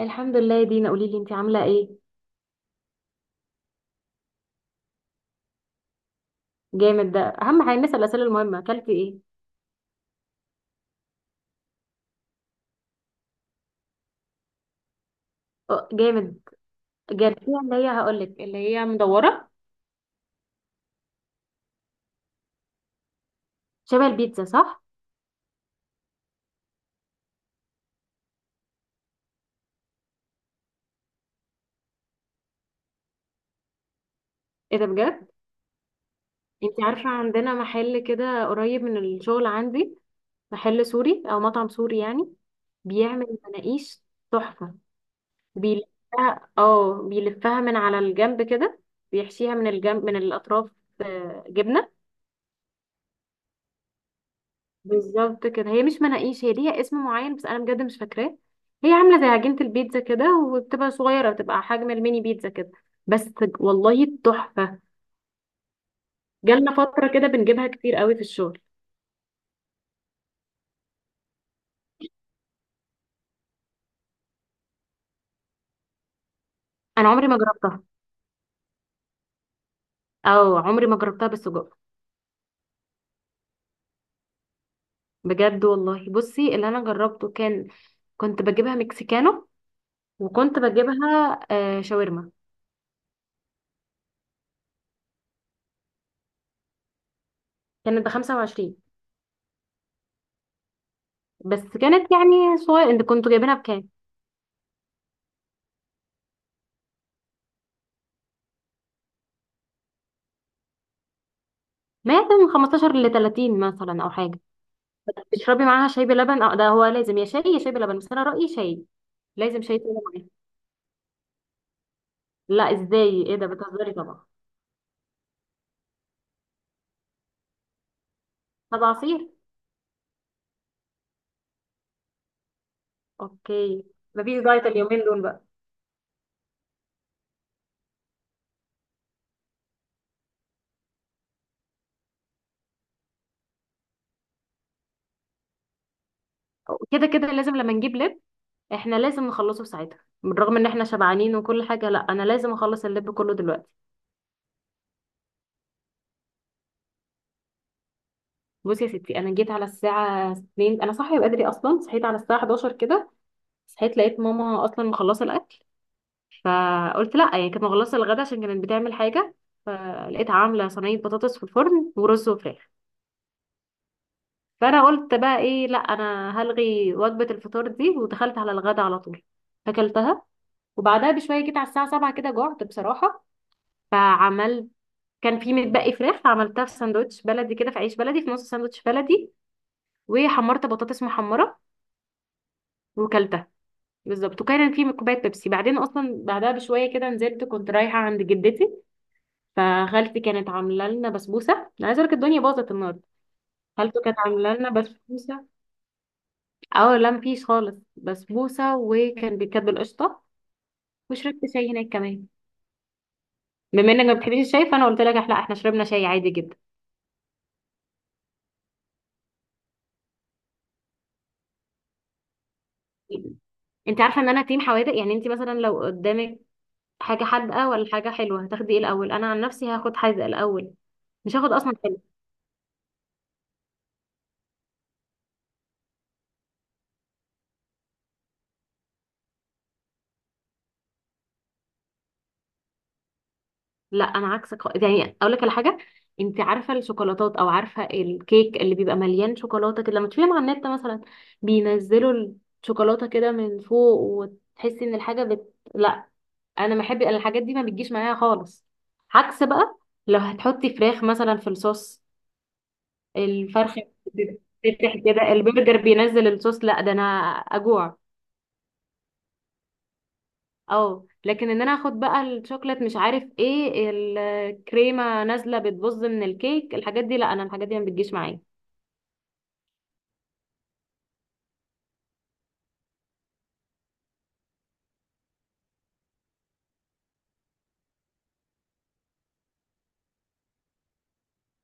الحمد لله يا دينا، قولي لي انت عامله ايه؟ جامد. ده اهم حاجه، نسال الاسئله المهمه. اكلتي ايه؟ اه، جامد. جربتيها اللي هي، هقول لك، اللي هي مدوره؟ شبه البيتزا، صح؟ ايه ده بجد؟ انت عارفه، عندنا محل كده قريب من الشغل عندي. محل سوري او مطعم سوري يعني. بيعمل مناقيش. تحفه. بيلفها من على الجنب كده. بيحشيها من الجنب، من الاطراف. اه، جبنه. بالظبط كده. هي مش مناقيش، هي ليها اسم معين بس انا بجد مش فاكراه. هي عامله زي عجينه البيتزا كده. وبتبقى صغيره، بتبقى حجم الميني بيتزا كده. بس. والله تحفه. جالنا فتره كده بنجيبها كتير قوي في الشغل. انا عمري ما جربتها. او عمري ما جربتها بالسجق. بجد والله. بصي، اللي انا جربته كان، كنت بجيبها مكسيكانو. وكنت بجيبها شاورما. كانت ب 25. بس كانت يعني صغيره، انت كنتوا جايبينها بكام؟ ما كان 15 ل 30 مثلا او حاجه؟ تشربي معاها شاي بلبن؟ اه، ده هو لازم يا شاي يا شاي بلبن بس انا رأيي شاي. لازم شاي تاني معاها. لا، ازاي؟ ايه ده، بتهزري؟ طبعا. طب عصير؟ اوكي. مفيش دايت اليومين دول بقى. كده كده لازم لما نجيب لب. احنا لازم نخلصه في ساعتها بالرغم ان احنا شبعانين وكل حاجة. لا، انا لازم اخلص اللب كله دلوقتي. بصي يا ستي، انا جيت على الساعة 2، انا صاحية بدري اصلا، صحيت على الساعة 11 كده. صحيت لقيت ماما اصلا مخلصة الاكل. فقلت لا، هي كانت مخلصه الغدا عشان كانت بتعمل حاجه. فلقيتها عامله صينيه بطاطس في الفرن ورز وفراخ. فانا قلت بقى ايه، لا انا هلغي وجبه الفطار دي، ودخلت على الغدا على طول. فاكلتها. وبعدها بشويه جيت على الساعه 7 كده، جعت بصراحه. فعملت. كان في متبقي فراخ، عملتها في ساندوتش بلدي كده، في عيش بلدي، في نص ساندوتش بلدي. وحمرت بطاطس محمره. وكلتها. بالظبط. وكان في كوبايه بيبسي بعدين. اصلا بعدها بشويه كده نزلت، كنت رايحه عند جدتي. فخالتي كانت عامله لنا بسبوسه، انا عايزه اقولك الدنيا باظت النهارده. خالته كانت عامله لنا بسبوسه. اه لا، مفيش خالص بسبوسه وكان بيتكتب بالقشطه. وشربت شاي هناك كمان. بما انك ما بتحبيش الشاي فانا قلت لك لا، احنا شربنا شاي عادي جدا. انت عارفه ان انا تيم حوادق، يعني انت مثلا لو قدامك حاجه حادقه ولا حاجه حلوه هتاخدي ايه الاول؟ انا عن نفسي هاخد حادقه الاول. مش هاخد اصلا. لا، انا عكسك خالص. يعني اقول لك على حاجه، انت عارفه الشوكولاتات او عارفه الكيك اللي بيبقى مليان شوكولاته كده لما تشوفيهم على النت مثلا، بينزلوا الشوكولاته كده من فوق وتحسي ان الحاجه لا، انا ما بحب الحاجات دي، ما بتجيش معايا خالص. عكس بقى، لو هتحطي فراخ مثلا في الصوص، الفرخه بتفتح كده، البرجر بينزل الصوص، لا ده انا اجوع. اه لكن ان انا اخد بقى الشوكليت مش عارف ايه، الكريمه نازله بتبظ من الكيك، الحاجات دي لا، انا الحاجات دي ما بتجيش معايا.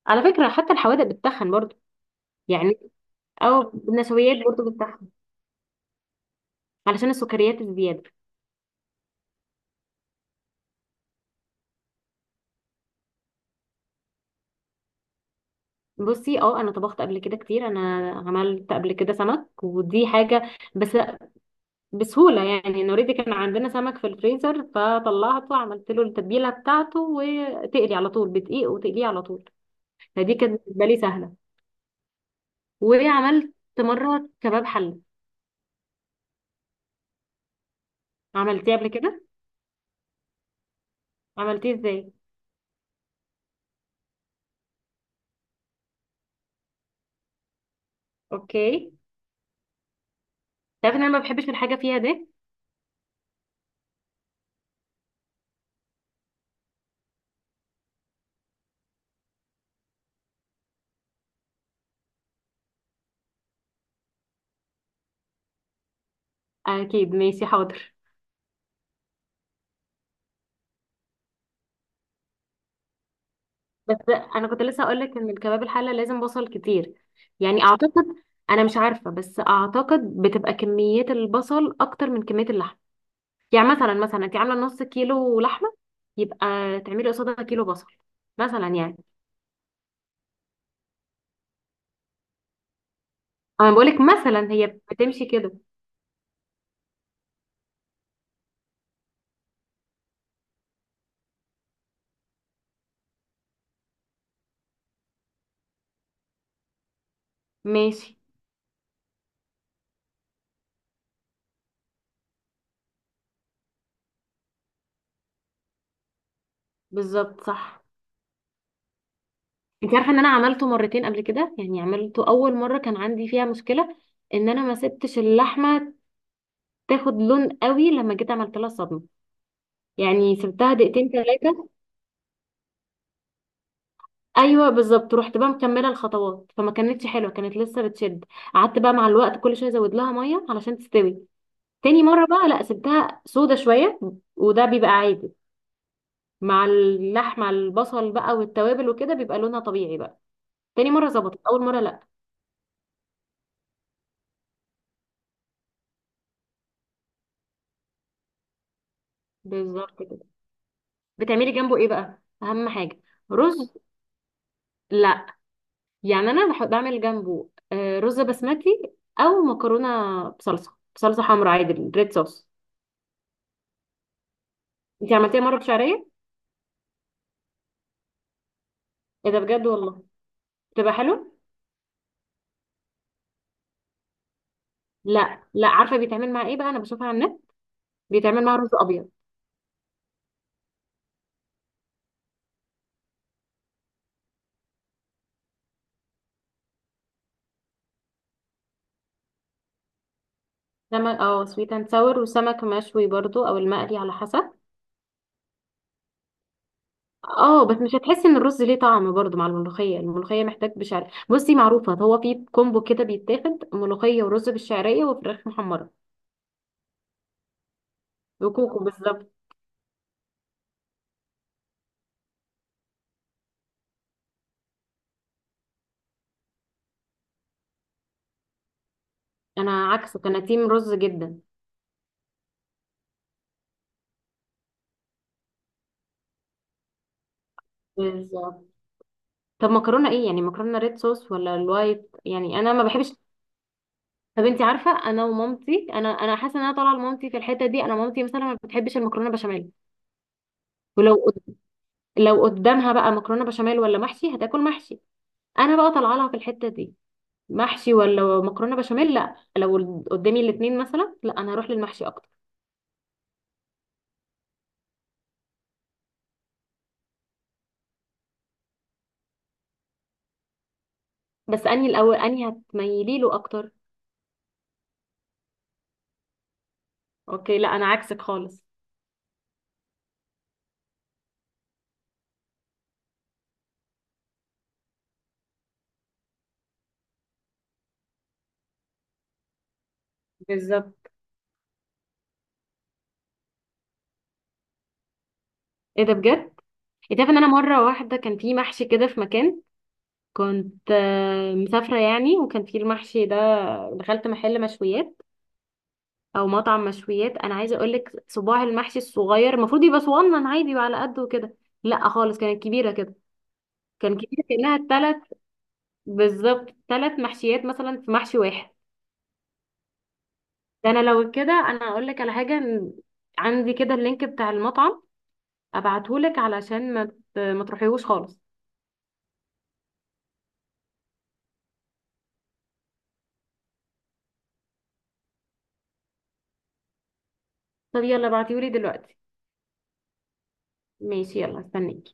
على فكره حتى الحوادق بتتخن برضو. يعني، او النشويات برضو بتتخن علشان السكريات الزياده. بصي، انا طبخت قبل كده كتير، انا عملت قبل كده سمك ودي حاجه، بس بسهوله يعني. انا اوريدي كان عندنا سمك في الفريزر فطلعته، عملت له التتبيله بتاعته وتقلي على طول بدقيق وتقليه على طول. فدي كانت بالنسبه لي سهله. وعملت مرة كباب حلة. عملتيه قبل كده؟ عملتيه ازاي؟ اوكي. تعرف ان انا ما بحبش الحاجة فيها ده. اكيد، ماشي، حاضر. بس انا كنت لسه اقول لك ان الكباب الحلة لازم بصل كتير. يعني اعتقد، انا مش عارفة بس اعتقد بتبقى كمية البصل اكتر من كمية اللحم. يعني مثلا انت عاملة نص كيلو لحمة، يبقى تعملي قصادها كيلو بصل، مثلا يعني. انا بقولك مثلا هي بتمشي كده. ماشي. بالظبط صح. انت عارفه ان انا عملته مرتين قبل كده، يعني عملته اول مره كان عندي فيها مشكله، ان انا ما سبتش اللحمه تاخد لون قوي، لما جيت عملت لها صدمه يعني سبتها دقيقتين 3. ايوه بالظبط. رحت بقى مكمله الخطوات فما كانتش حلوه، كانت لسه بتشد. قعدت بقى مع الوقت كل شويه ازود لها ميه علشان تستوي. تاني مره بقى لا، سبتها سودة شويه، وده بيبقى عادي مع اللحمه، البصل بقى والتوابل وكده بيبقى لونها طبيعي بقى. تاني مره ظبطت، اول مره لا. بالظبط كده. بتعملي جنبه ايه بقى اهم حاجه؟ رز. لا، يعني انا بحط بعمل جنبه رز بسمتي، او مكرونه بصلصه حمراء عادي، ريد صوص. انت عملتيها مره بشعريه؟ ايه ده بجد والله. بتبقى حلو؟ لا لا، عارفه بيتعمل مع ايه بقى، انا بشوفها على النت بيتعمل مع رز ابيض. سمك، اه سويت اند ساور وسمك مشوي برضو او المقلي على حسب. اه بس مش هتحسي ان الرز ليه طعم برضو مع الملوخيه، الملوخيه محتاج بشعريه. بصي معروفه، هو في كومبو كده بيتاخد ملوخيه ورز بالشعريه وفراخ محمره وكوكو. بالظبط. انا عكسك، انا تيم رز جدا. بالظبط. طب مكرونه ايه يعني، مكرونه ريد صوص ولا الوايت؟ يعني انا ما بحبش. طب انت عارفه، انا ومامتي، انا حاسه ان انا طالعه لمامتي في الحته دي. انا مامتي مثلا ما بتحبش المكرونه بشاميل. ولو قد- لو قدامها بقى مكرونه بشاميل ولا محشي هتاكل محشي. انا بقى طالعه لها في الحته دي، محشي ولا مكرونه بشاميل. لا لو قدامي الاثنين مثلا، لا انا هروح للمحشي اكتر. بس انهي الاول، انهي هتميلي له اكتر؟ اوكي، لا انا عكسك خالص. بالظبط. ايه ده بجد. انت عارفه ان انا مره واحده كان في محشي كده في مكان، كنت مسافره يعني، وكان في المحشي ده. دخلت محل مشويات، او مطعم مشويات، انا عايزه اقول لك، صباع المحشي الصغير المفروض يبقى صغنن عادي وعلى قده كده. لا خالص، كانت كبيره كده. كان كبيره كانها 3، بالظبط 3 محشيات مثلا في محشي واحد. ده انا لو كده انا اقول لك على حاجه، إن عندي كده اللينك بتاع المطعم، ابعتهولك علشان ما تروحيهوش خالص. طب يلا ابعتيهولي دلوقتي. ماشي يلا، استنيك.